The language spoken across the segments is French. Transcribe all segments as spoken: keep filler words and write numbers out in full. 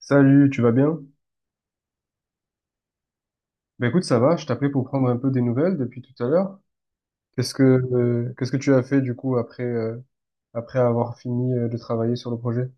Salut, tu vas bien? Ben écoute, ça va, je t'appelais pour prendre un peu des nouvelles depuis tout à l'heure. Qu'est-ce que euh, qu'est-ce que tu as fait du coup après euh, après avoir fini euh, de travailler sur le projet?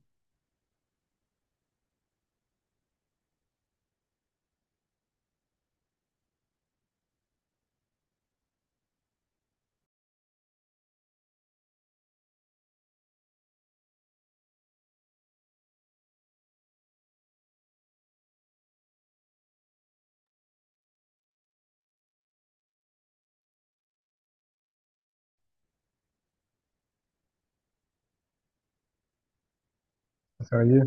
Ça fait rire.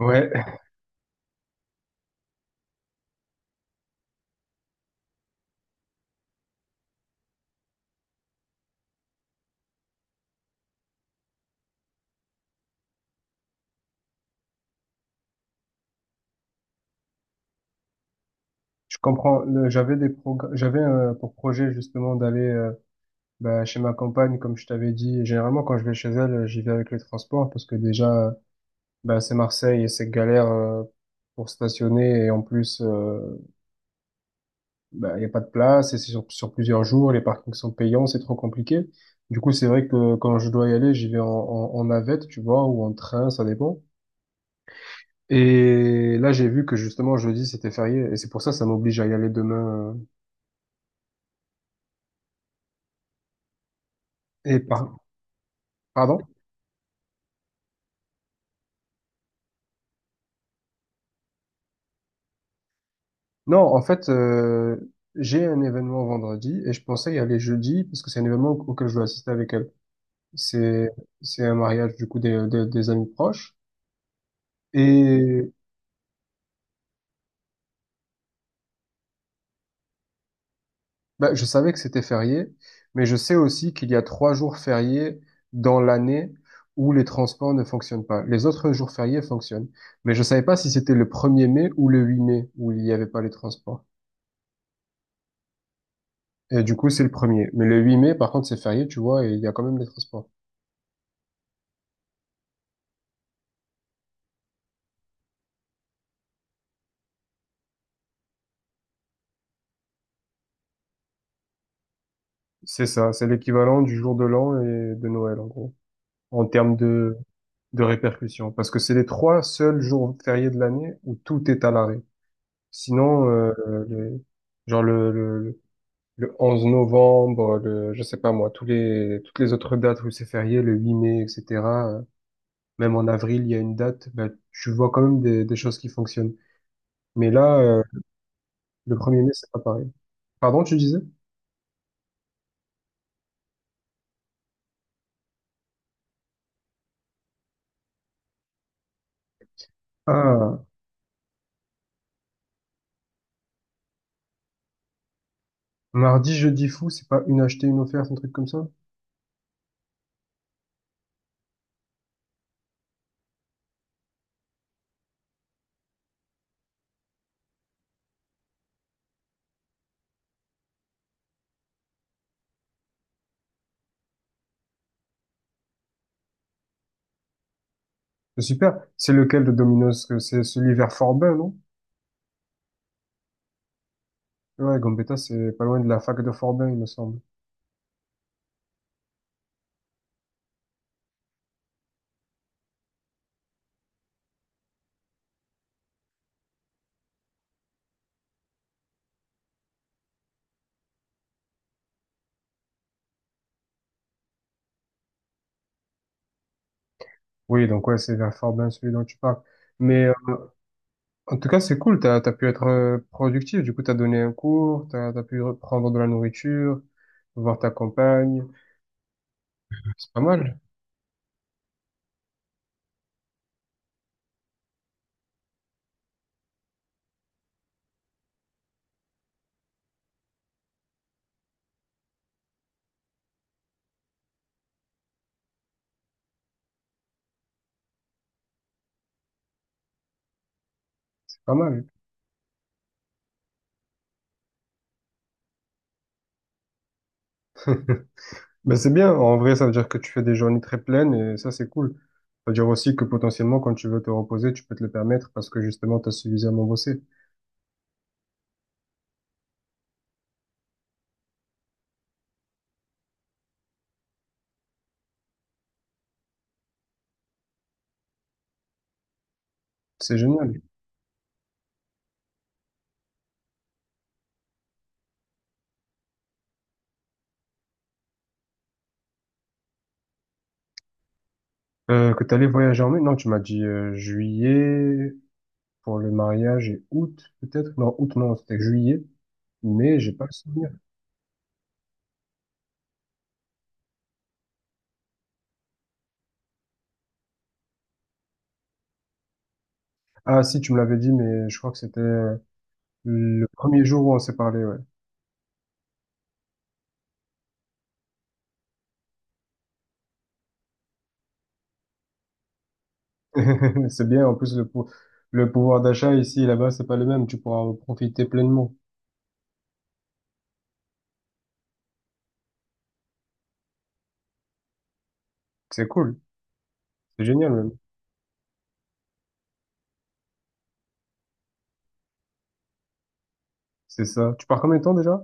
Ouais, je comprends. Le- J'avais des progr- j'avais euh, pour projet justement d'aller euh, bah, chez ma compagne, comme je t'avais dit. Généralement, quand je vais chez elle, euh, j'y vais avec les transports parce que déjà, euh, bah, c'est Marseille et c'est galère euh, pour stationner et en plus euh, bah, il n'y a pas de place, et c'est sur, sur plusieurs jours, les parkings sont payants, c'est trop compliqué. Du coup, c'est vrai que quand je dois y aller, j'y vais en, en, en navette, tu vois, ou en train, ça dépend. Et là, j'ai vu que justement, jeudi, c'était férié, et c'est pour ça, ça m'oblige à y aller demain. euh, Et par... Pardon? Non, en fait, euh, j'ai un événement vendredi, et je pensais y aller jeudi, parce que c'est un événement auquel je dois assister avec elle. C'est, c'est un mariage, du coup, des, des, des amis proches. Et Bah, je savais que c'était férié, mais je sais aussi qu'il y a trois jours fériés dans l'année où les transports ne fonctionnent pas. Les autres jours fériés fonctionnent. Mais je savais pas si c'était le premier mai ou le huit mai où il n'y avait pas les transports. Et du coup, c'est le premier. Mais le huit mai, par contre, c'est férié, tu vois, et il y a quand même les transports. C'est ça, c'est l'équivalent du jour de l'an et de Noël, en gros, en termes de, de répercussions. Parce que c'est les trois seuls jours fériés de l'année où tout est à l'arrêt. Sinon, euh, les- genre le, le- le onze novembre, le, je sais pas moi, tous les, toutes les autres dates où c'est férié, le huit mai, et cetera euh, Même en avril, il y a une date, bah, tu vois quand même des, des choses qui fonctionnent. Mais là, euh, le premier mai, c'est pas pareil. Pardon, tu disais? Ah, mardi, jeudi fou, c'est pas une achetée, une offerte, un truc comme ça? C'est super. C'est lequel de Domino's? Que C'est celui vers Forbin, non? Ouais, Gambetta, c'est pas loin de la fac de Forbin, il me semble. Oui, donc ouais, c'est vers Forbin, celui dont tu parles. Mais En tout cas, c'est cool, t'as, t'as pu être euh, productif, du coup, t'as donné un cours, t'as, t'as pu prendre de la nourriture, voir ta compagne, c'est pas mal, c'est pas mal. Ben c'est bien, en vrai, ça veut dire que tu fais des journées très pleines et ça, c'est cool. Ça veut dire aussi que potentiellement, quand tu veux te reposer, tu peux te le permettre parce que justement, t'as suffisamment bossé. C'est génial. Euh, que t'allais voyager en mai? Non, tu m'as dit euh, juillet pour le mariage et août, peut-être? Non, août, non, c'était juillet, mais j'ai pas le souvenir. Ah si, tu me l'avais dit, mais je crois que c'était euh, le premier jour où on s'est parlé, ouais. C'est bien, en plus le, pou- le pouvoir d'achat ici et là-bas, c'est pas le même, tu pourras en profiter pleinement. C'est cool, c'est génial même. C'est ça. Tu pars combien de temps déjà?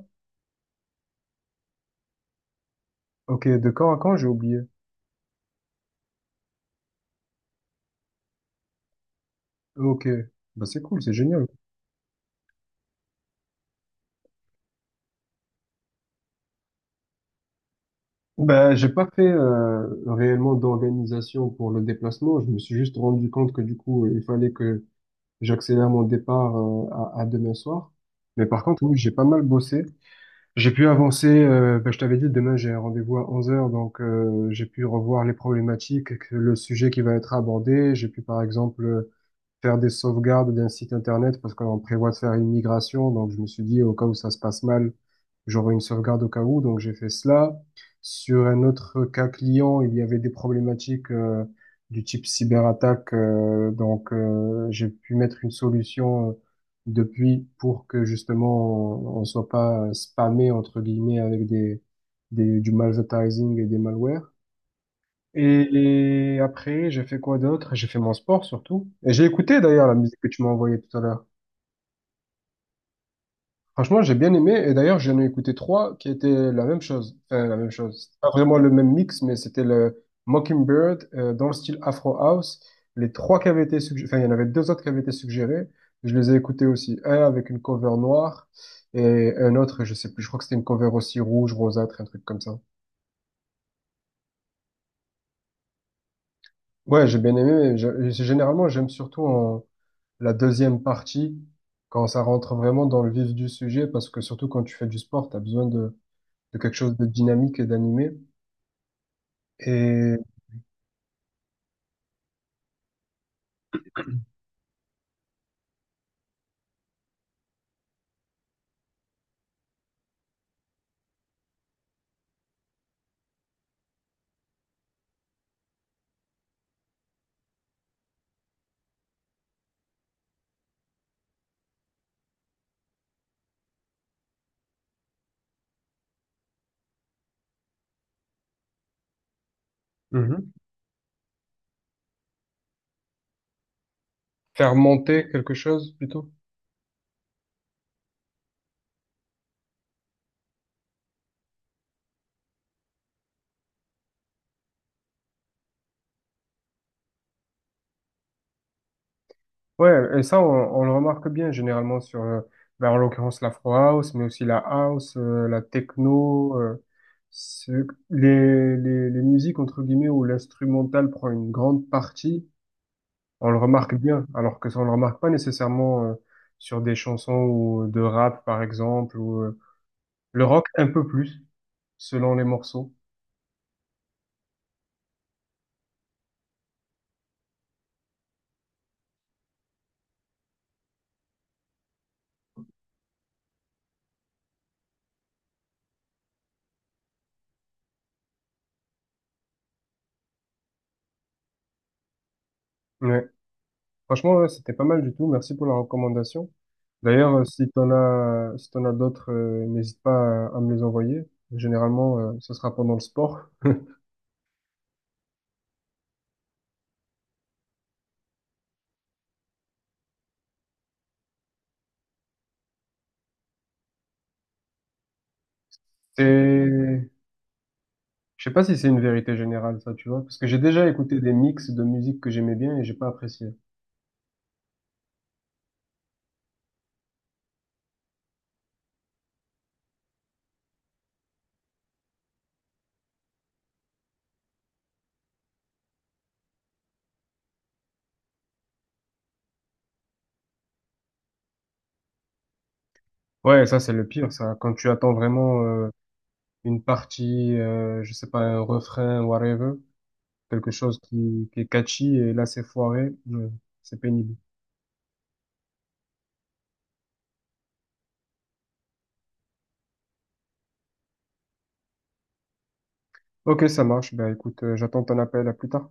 Ok, de quand à quand, j'ai oublié. Ok, bah c'est cool, c'est génial. Bah j'ai pas fait euh, réellement d'organisation pour le déplacement, je me suis juste rendu compte que du coup, il fallait que j'accélère mon départ euh, à, à demain soir. Mais par contre, oui, j'ai pas mal bossé. J'ai pu avancer, euh, ben, je t'avais dit, demain j'ai un rendez-vous à onze heures, donc euh, j'ai pu revoir les problématiques, que- le sujet qui va être abordé. J'ai pu par exemple faire des sauvegardes d'un site internet parce qu'on prévoit de faire une migration. Donc, je me suis dit, au cas où ça se passe mal, j'aurai une sauvegarde au cas où. Donc, j'ai fait cela. Sur un autre cas client, il y avait des problématiques euh, du type cyberattaque. Euh, donc, euh, j'ai pu mettre une solution euh, depuis pour que justement on, on soit pas euh, spammé entre guillemets avec des, des du malvertising et des malwares. Et après, j'ai fait quoi d'autre? J'ai fait mon sport surtout. Et j'ai écouté d'ailleurs la musique que tu m'as envoyée tout à l'heure. Franchement, j'ai bien aimé. Et d'ailleurs, j'en ai écouté trois qui étaient la même chose. Enfin, la même chose. C'était pas vraiment le même mix, mais c'était le Mockingbird euh, dans le style Afro House. Les trois qui avaient été suggérés, enfin, il y en avait deux autres qui avaient été suggérés. Je les ai écoutés aussi. Un avec une cover noire et un autre, je sais plus. Je crois que c'était une cover aussi rouge, rosâtre, un truc comme ça. Ouais, j'ai bien aimé. Mais je- généralement, j'aime surtout en la deuxième partie, quand ça rentre vraiment dans le vif du sujet, parce que surtout quand tu fais du sport, tu as besoin de, de quelque chose de dynamique et d'animé, et Mhm. Faire monter quelque chose plutôt. Ouais, et ça, on, on le remarque bien généralement sur, euh, ben, en l'occurrence, l'afro house, mais aussi la house, euh, la techno, euh, ce- les, les, les musiques, entre guillemets, où l'instrumental prend une grande partie. On le remarque bien, alors que ça, on le remarque pas nécessairement euh, sur des chansons ou de rap, par exemple, ou euh, le rock un peu plus, selon les morceaux. Ouais. Franchement, ouais, c'était pas mal du tout. Merci pour la recommandation. D'ailleurs, euh, si t'en as, si t'en as d'autres, euh, n'hésite pas à, à me les envoyer. Généralement, euh, ce sera pendant le sport. C'est, je sais pas si c'est une vérité générale, ça, tu vois, parce que j'ai déjà écouté des mix de musique que j'aimais bien et j'ai pas apprécié. Ouais, ça, c'est le pire, ça. Quand tu attends vraiment une partie, euh, je sais pas, un refrain, whatever, quelque chose qui, qui est catchy, et là c'est foiré, euh, c'est pénible. Ok, ça marche, ben écoute, euh, j'attends ton appel, à plus tard.